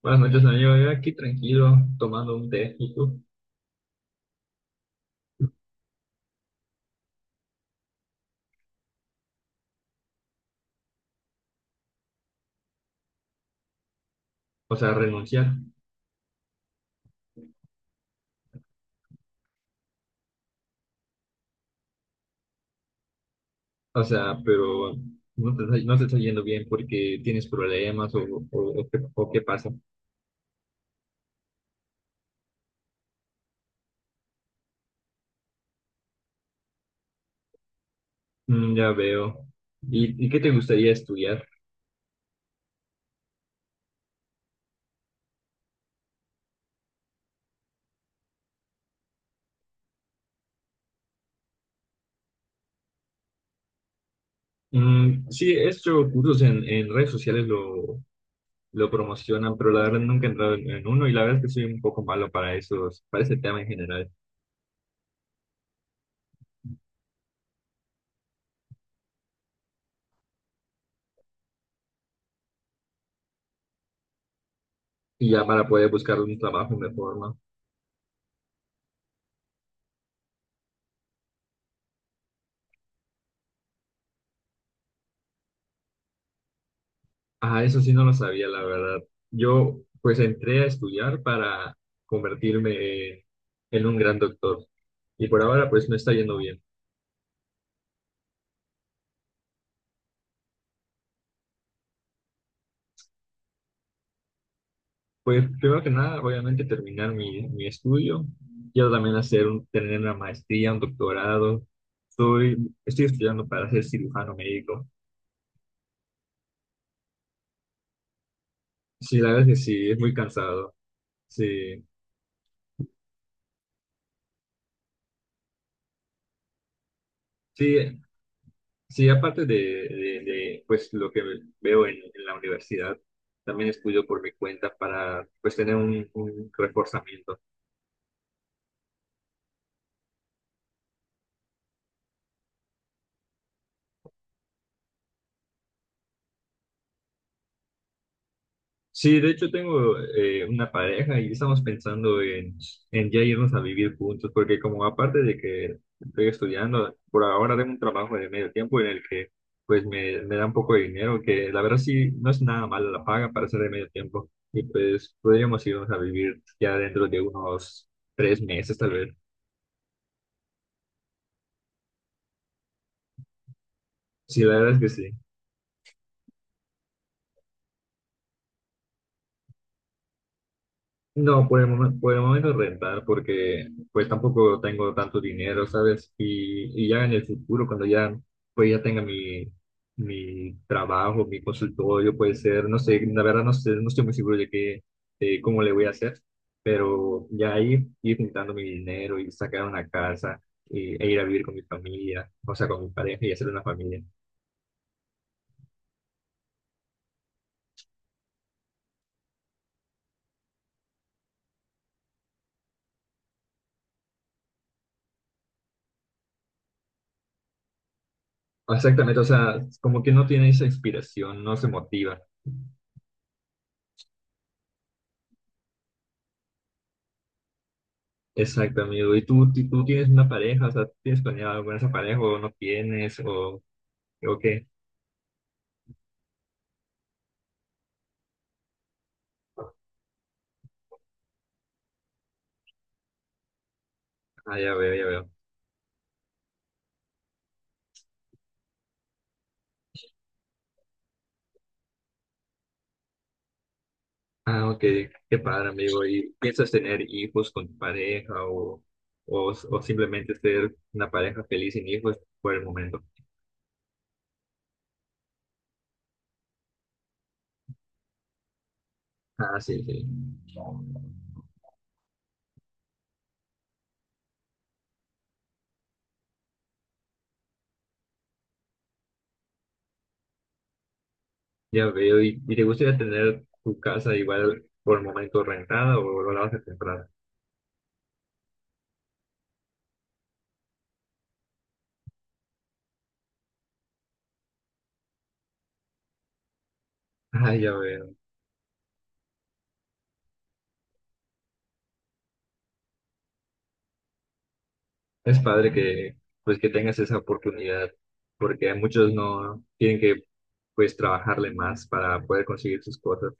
Buenas noches, amigo. Yo aquí tranquilo, tomando un té, ¿y tú? O sea, renunciar. O sea, pero no te está yendo bien porque tienes problemas o o qué pasa. Mm, ya veo. ¿Y qué te gustaría estudiar? Mm, sí, he hecho cursos en redes sociales, lo promocionan, pero la verdad nunca he entrado en uno y la verdad es que soy un poco malo para para ese tema en general. Y ya para poder buscar un trabajo me forma. Ah, eso sí no lo sabía, la verdad. Yo pues entré a estudiar para convertirme en un gran doctor y por ahora pues me está yendo bien. Pues primero que nada, obviamente terminar mi estudio. Quiero también tener una maestría, un doctorado. Estoy, estoy estudiando para ser cirujano médico. Sí, la verdad es que sí, es muy cansado. Sí, sí, sí, aparte de pues lo que veo en la universidad, también estudio por mi cuenta para pues tener un reforzamiento. Sí, de hecho tengo una pareja y estamos pensando en ya irnos a vivir juntos, porque como aparte de que estoy estudiando, por ahora tengo un trabajo de medio tiempo en el que pues me da un poco de dinero, que la verdad sí no es nada mala la paga para ser de medio tiempo, y pues podríamos irnos a vivir ya dentro de unos 3 meses tal vez. Sí, la verdad es que sí. No, por el momento rentar, porque pues tampoco tengo tanto dinero, ¿sabes? Y ya en el futuro, cuando ya, pues ya tenga mi trabajo, mi consultorio, puede ser, no sé, la verdad no sé, no estoy muy seguro de qué, de cómo le voy a hacer, pero ya ahí ir juntando mi dinero y sacar una casa y, e ir a vivir con mi familia, o sea, con mi pareja y hacer una familia. Exactamente, o sea, como que no tiene esa inspiración, no se motiva. Exacto, amigo. ¿Y tú, tú tienes una pareja? O sea, ¿tienes planeado algo con esa pareja o no tienes? O qué? Ah, ya veo, ya veo. Ah, ok. Qué padre, amigo. ¿Y piensas tener hijos con tu pareja o simplemente ser una pareja feliz sin hijos por el momento? Ah, sí, sí. Ya veo. ¿Y te gustaría tener tu casa igual por el momento rentada o lo vas a comprar? Ah, ya veo. Es padre que pues que tengas esa oportunidad, porque muchos no tienen que pues trabajarle más para poder conseguir sus cosas.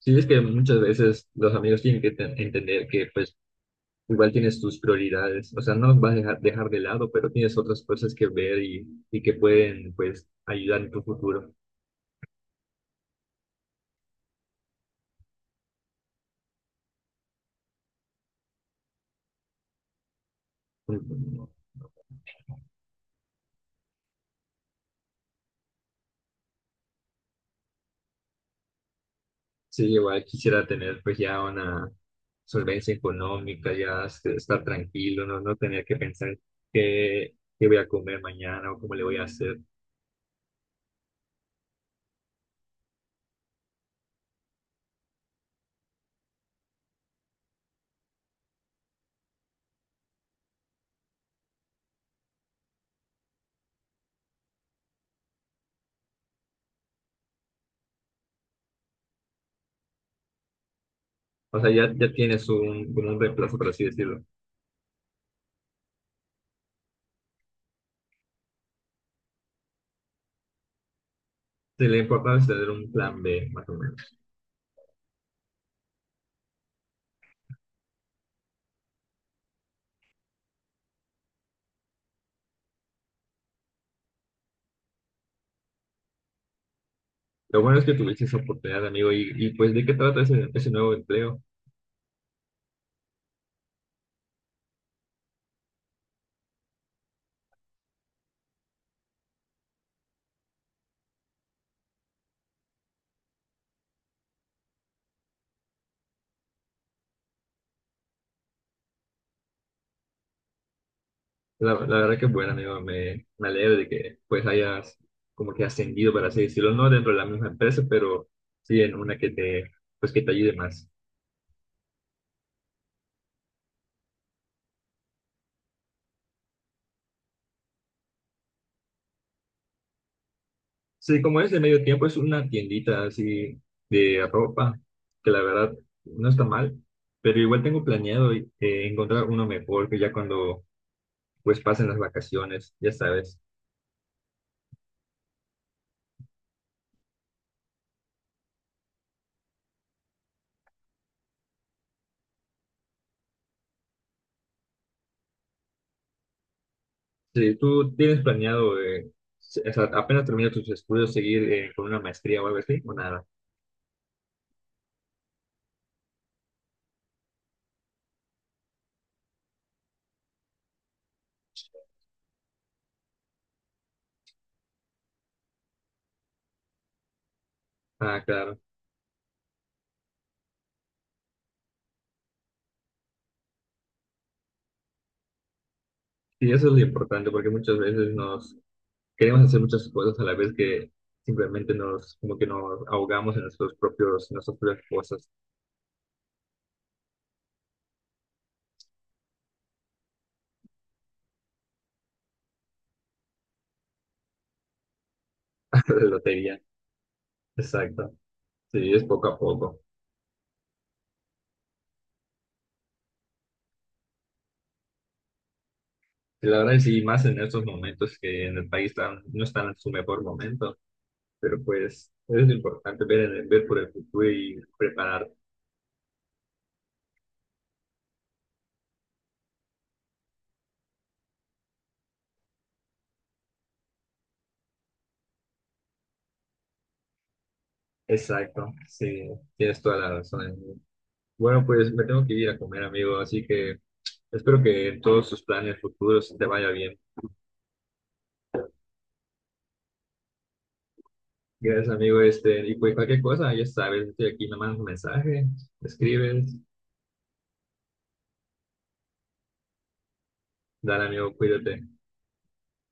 Sí, es que muchas veces los amigos tienen que entender que pues igual tienes tus prioridades, o sea, no los vas a dejar de lado, pero tienes otras cosas que ver y que pueden pues ayudar en tu futuro. Sí, igual quisiera tener pues ya una solvencia económica, ya estar tranquilo, no tener que pensar qué, qué voy a comer mañana o cómo le voy a hacer. O sea, ya, ya tienes un, como un reemplazo, por así decirlo. Sí, lo importante es tener un plan B, más o menos. Lo bueno es que tuviste esa oportunidad, amigo, y pues ¿de qué trata ese nuevo empleo? La verdad que bueno, amigo, me alegro de que pues hayas como que ascendido, por así decirlo, no dentro de la misma empresa, pero sí en una que te, pues, que te ayude más. Sí, como es de medio tiempo, es una tiendita así de ropa, que la verdad no está mal, pero igual tengo planeado encontrar uno mejor que ya cuando pues pasen las vacaciones, ya sabes. Sí, ¿tú tienes planeado, o sea, apenas terminas tus estudios, seguir con una maestría o algo así, o nada? Ah, claro. Sí, eso es lo importante, porque muchas veces nos queremos hacer muchas cosas a la vez que simplemente nos, como que nos ahogamos en nuestros propios, en nuestras propias cosas. De lotería. Exacto. Sí, es poco a poco. Y la verdad es sí, más en estos momentos que en el país no están en su mejor momento, pero pues es importante ver, ver por el futuro y preparar. Exacto, sí, tienes toda la razón, amigo. Bueno, pues me tengo que ir a comer, amigo, así que espero que en todos tus planes futuros te vaya bien. Gracias, amigo, este, y pues cualquier cosa, ya sabes, estoy aquí, me mandas un mensaje, me escribes, dale, amigo, cuídate.